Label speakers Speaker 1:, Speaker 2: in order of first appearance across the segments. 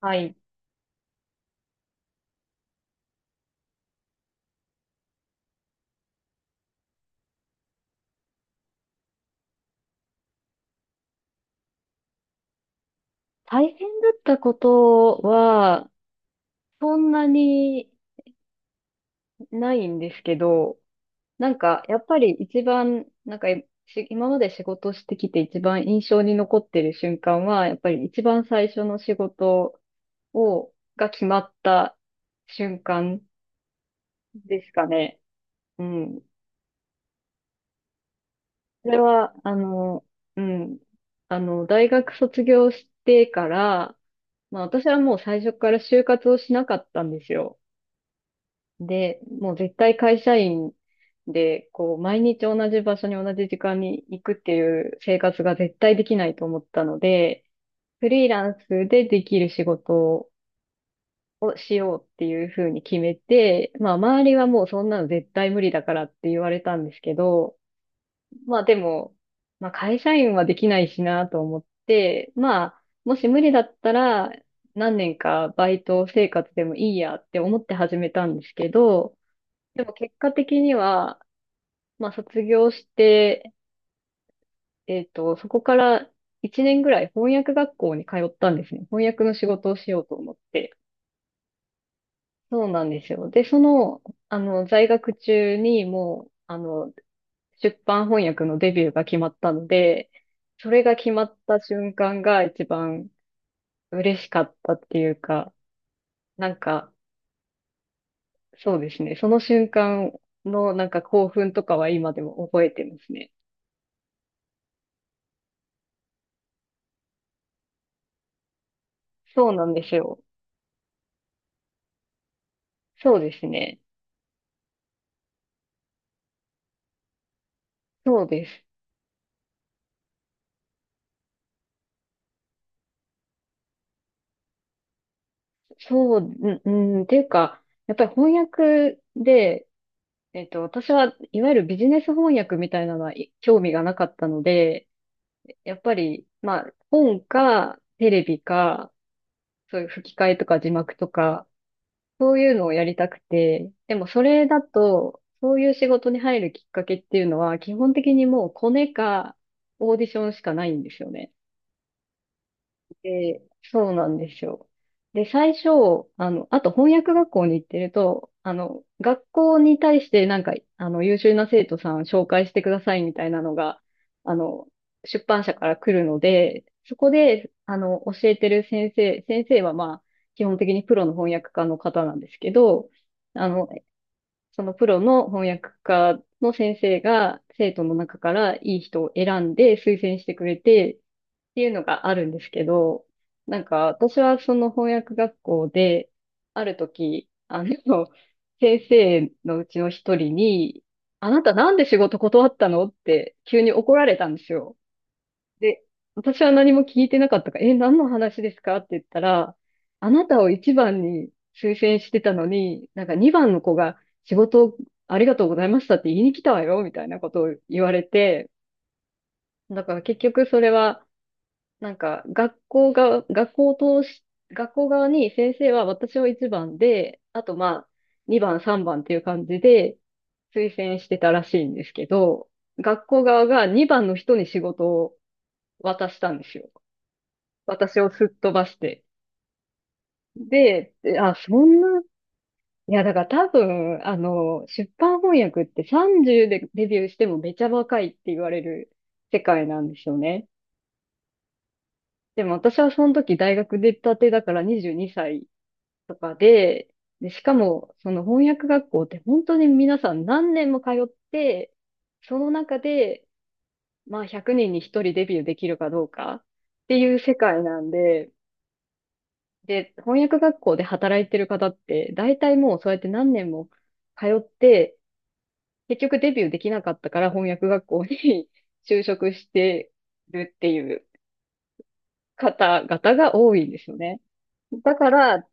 Speaker 1: はい。大変だったことは、そんなにないんですけど、やっぱり一番、今まで仕事してきて一番印象に残ってる瞬間は、やっぱり一番最初の仕事が決まった瞬間ですかね。うん。それは、うん。大学卒業してから、まあ私はもう最初から就活をしなかったんですよ。で、もう絶対会社員で、こう、毎日同じ場所に同じ時間に行くっていう生活が絶対できないと思ったので、フリーランスでできる仕事をしようっていうふうに決めて、まあ、周りはもうそんなの絶対無理だからって言われたんですけど、まあでも、まあ会社員はできないしなと思って、まあ、もし無理だったら、何年かバイト生活でもいいやって思って始めたんですけど、でも結果的には、まあ卒業して、そこから1年ぐらい翻訳学校に通ったんですね。翻訳の仕事をしようと思って。そうなんですよ。で、その、在学中にもう、出版翻訳のデビューが決まったので、それが決まった瞬間が一番嬉しかったっていうか、なんか、そうですね。その瞬間のなんか興奮とかは今でも覚えてますね。そうなんですよ。そうですね。そうです。そう、うん、うんっていうか、やっぱり翻訳で、私はいわゆるビジネス翻訳みたいなのは興味がなかったので、やっぱり、まあ、本か、テレビか、そういう吹き替えとか字幕とか、そういうのをやりたくて、でもそれだと、そういう仕事に入るきっかけっていうのは、基本的にもうコネか、オーディションしかないんですよね。で、そうなんですよ。で、最初、あと翻訳学校に行ってると、学校に対してなんか、優秀な生徒さん紹介してくださいみたいなのが、あの、出版社から来るので、そこで、教えてる先生はまあ、基本的にプロの翻訳家の方なんですけど、あの、そのプロの翻訳家の先生が生徒の中からいい人を選んで推薦してくれて、っていうのがあるんですけど、なんか私はその翻訳学校で、ある時、先生のうちの一人に、あなたなんで仕事断ったのって急に怒られたんですよ。で、私は何も聞いてなかったから、え、何の話ですかって言ったら、あなたを一番に推薦してたのに、なんか二番の子が仕事をありがとうございましたって言いに来たわよ、みたいなことを言われて、だから結局それは、学校が、学校を通し、学校側に先生は私を1番で、あとまあ、2番、3番っていう感じで推薦してたらしいんですけど、学校側が2番の人に仕事を渡したんですよ。私をすっ飛ばして。で、であ、そんな、いや、だから多分、出版翻訳って30でデビューしてもめちゃ若いって言われる世界なんですよね。でも私はその時大学出たてだから22歳とかで、で、しかも、その翻訳学校って本当に皆さん何年も通って、その中で、まあ100人に1人デビューできるかどうかっていう世界なんで、で、翻訳学校で働いてる方って、大体もうそうやって何年も通って、結局デビューできなかったから翻訳学校に 就職してるっていう方々が多いんですよね。だから、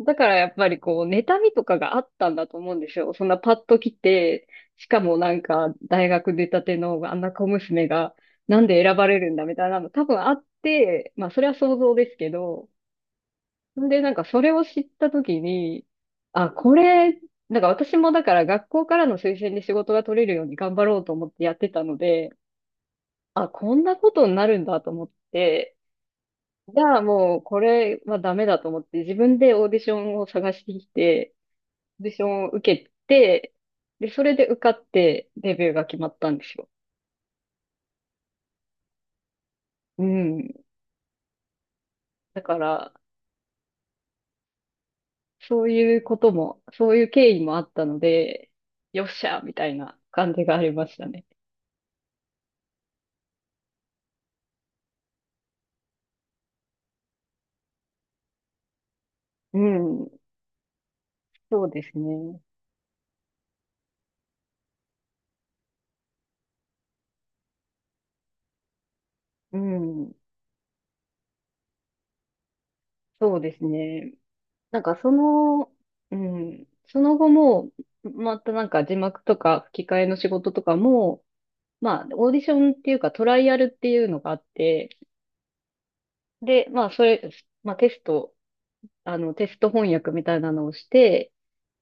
Speaker 1: だからやっぱりこう、妬みとかがあったんだと思うんですよ。そんなパッと来て、しかもなんか大学出たてのあんな小娘がなんで選ばれるんだみたいなの多分あって、まあそれは想像ですけど、んでなんかそれを知った時に、あ、これ、なんか私もだから学校からの推薦で仕事が取れるように頑張ろうと思ってやってたので、あ、こんなことになるんだと思って、じゃあもうこれはダメだと思って自分でオーディションを探してきて、オーディションを受けて、で、それで受かってデビューが決まったんですよ。うん。だから、そういうことも、そういう経緯もあったので、よっしゃみたいな感じがありましたね。うん。そうですね。うん。そうですね。なんかその、うん。その後も、またなんか字幕とか吹き替えの仕事とかも、まあ、オーディションっていうかトライアルっていうのがあって、で、まあ、それ、まあ、テスト翻訳みたいなのをして、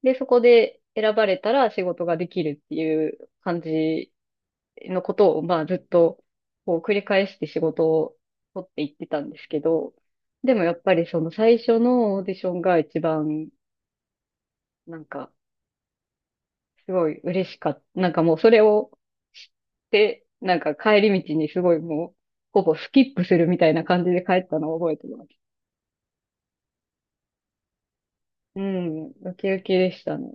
Speaker 1: で、そこで選ばれたら仕事ができるっていう感じのことを、まあ、ずっと、こう、繰り返して仕事を取っていってたんですけど、でもやっぱりその最初のオーディションが一番、なんか、すごい嬉しかった。なんかもうそれを知って、なんか帰り道にすごいもう、ほぼスキップするみたいな感じで帰ったのを覚えてます。うん、ウキウキでしたね。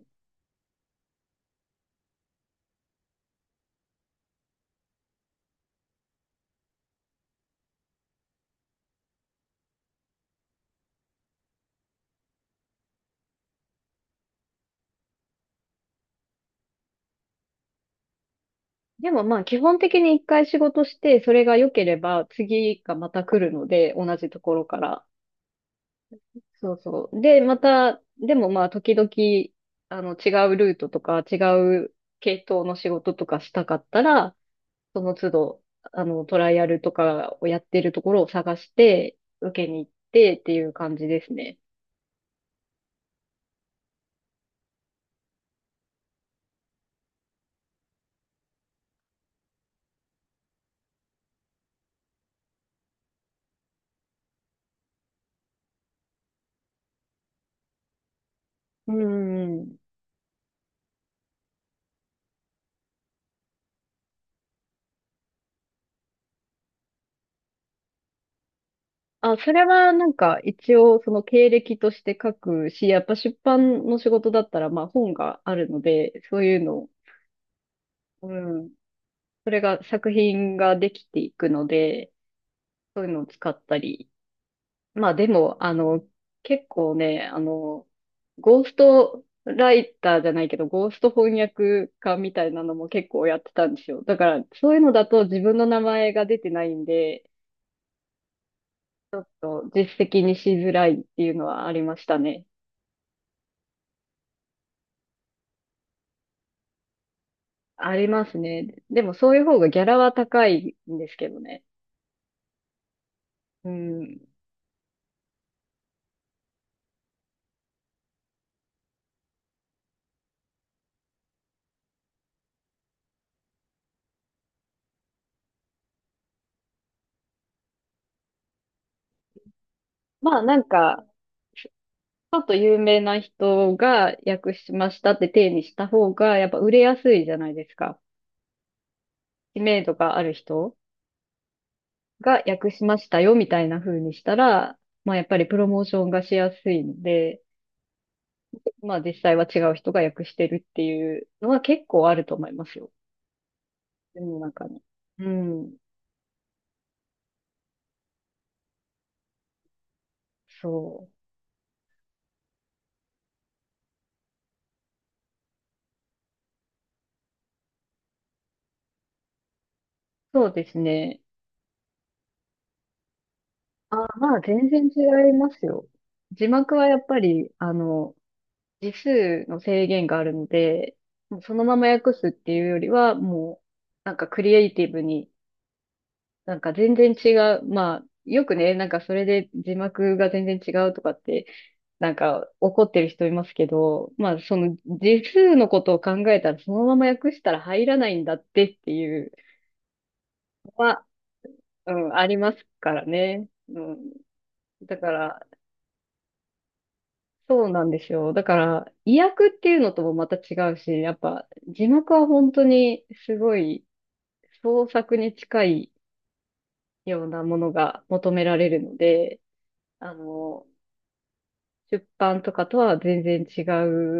Speaker 1: でもまあ基本的に一回仕事して、それが良ければ次がまた来るので、同じところから。そうそう。で、また、でもまあ時々、違うルートとか違う系統の仕事とかしたかったら、その都度、トライアルとかをやってるところを探して、受けに行ってっていう感じですね。うん。あ、それはなんか一応その経歴として書くし、やっぱ出版の仕事だったらまあ本があるので、そういうのを、うん、それが作品ができていくので、そういうのを使ったり。まあでも、結構ね、ゴーストライターじゃないけど、ゴースト翻訳家みたいなのも結構やってたんですよ。だから、そういうのだと自分の名前が出てないんで、実績にしづらいっていうのはありましたね。ありますね。でもそういう方がギャラは高いんですけどね。うん。まあなんか、ちょっと有名な人が訳しましたって体にした方が、やっぱ売れやすいじゃないですか。知名度がある人が訳しましたよみたいな風にしたら、まあやっぱりプロモーションがしやすいので、まあ実際は違う人が訳してるっていうのは結構あると思いますよ。世の中に。うん。そう。そうですね。あ、まあ全然違いますよ。字幕はやっぱり、字数の制限があるので、もうそのまま訳すっていうよりは、もう、なんかクリエイティブに、なんか全然違う。まあ、よくね、なんかそれで字幕が全然違うとかって、なんか怒ってる人いますけど、まあその字数のことを考えたら、そのまま訳したら入らないんだってっていうのは、うん、ありますからね。うん。だから、そうなんですよ。だから、意訳っていうのともまた違うし、やっぱ字幕は本当にすごい創作に近いようなものが求められるので、あの、出版とかとは全然違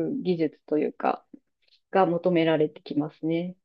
Speaker 1: う技術というか、が求められてきますね。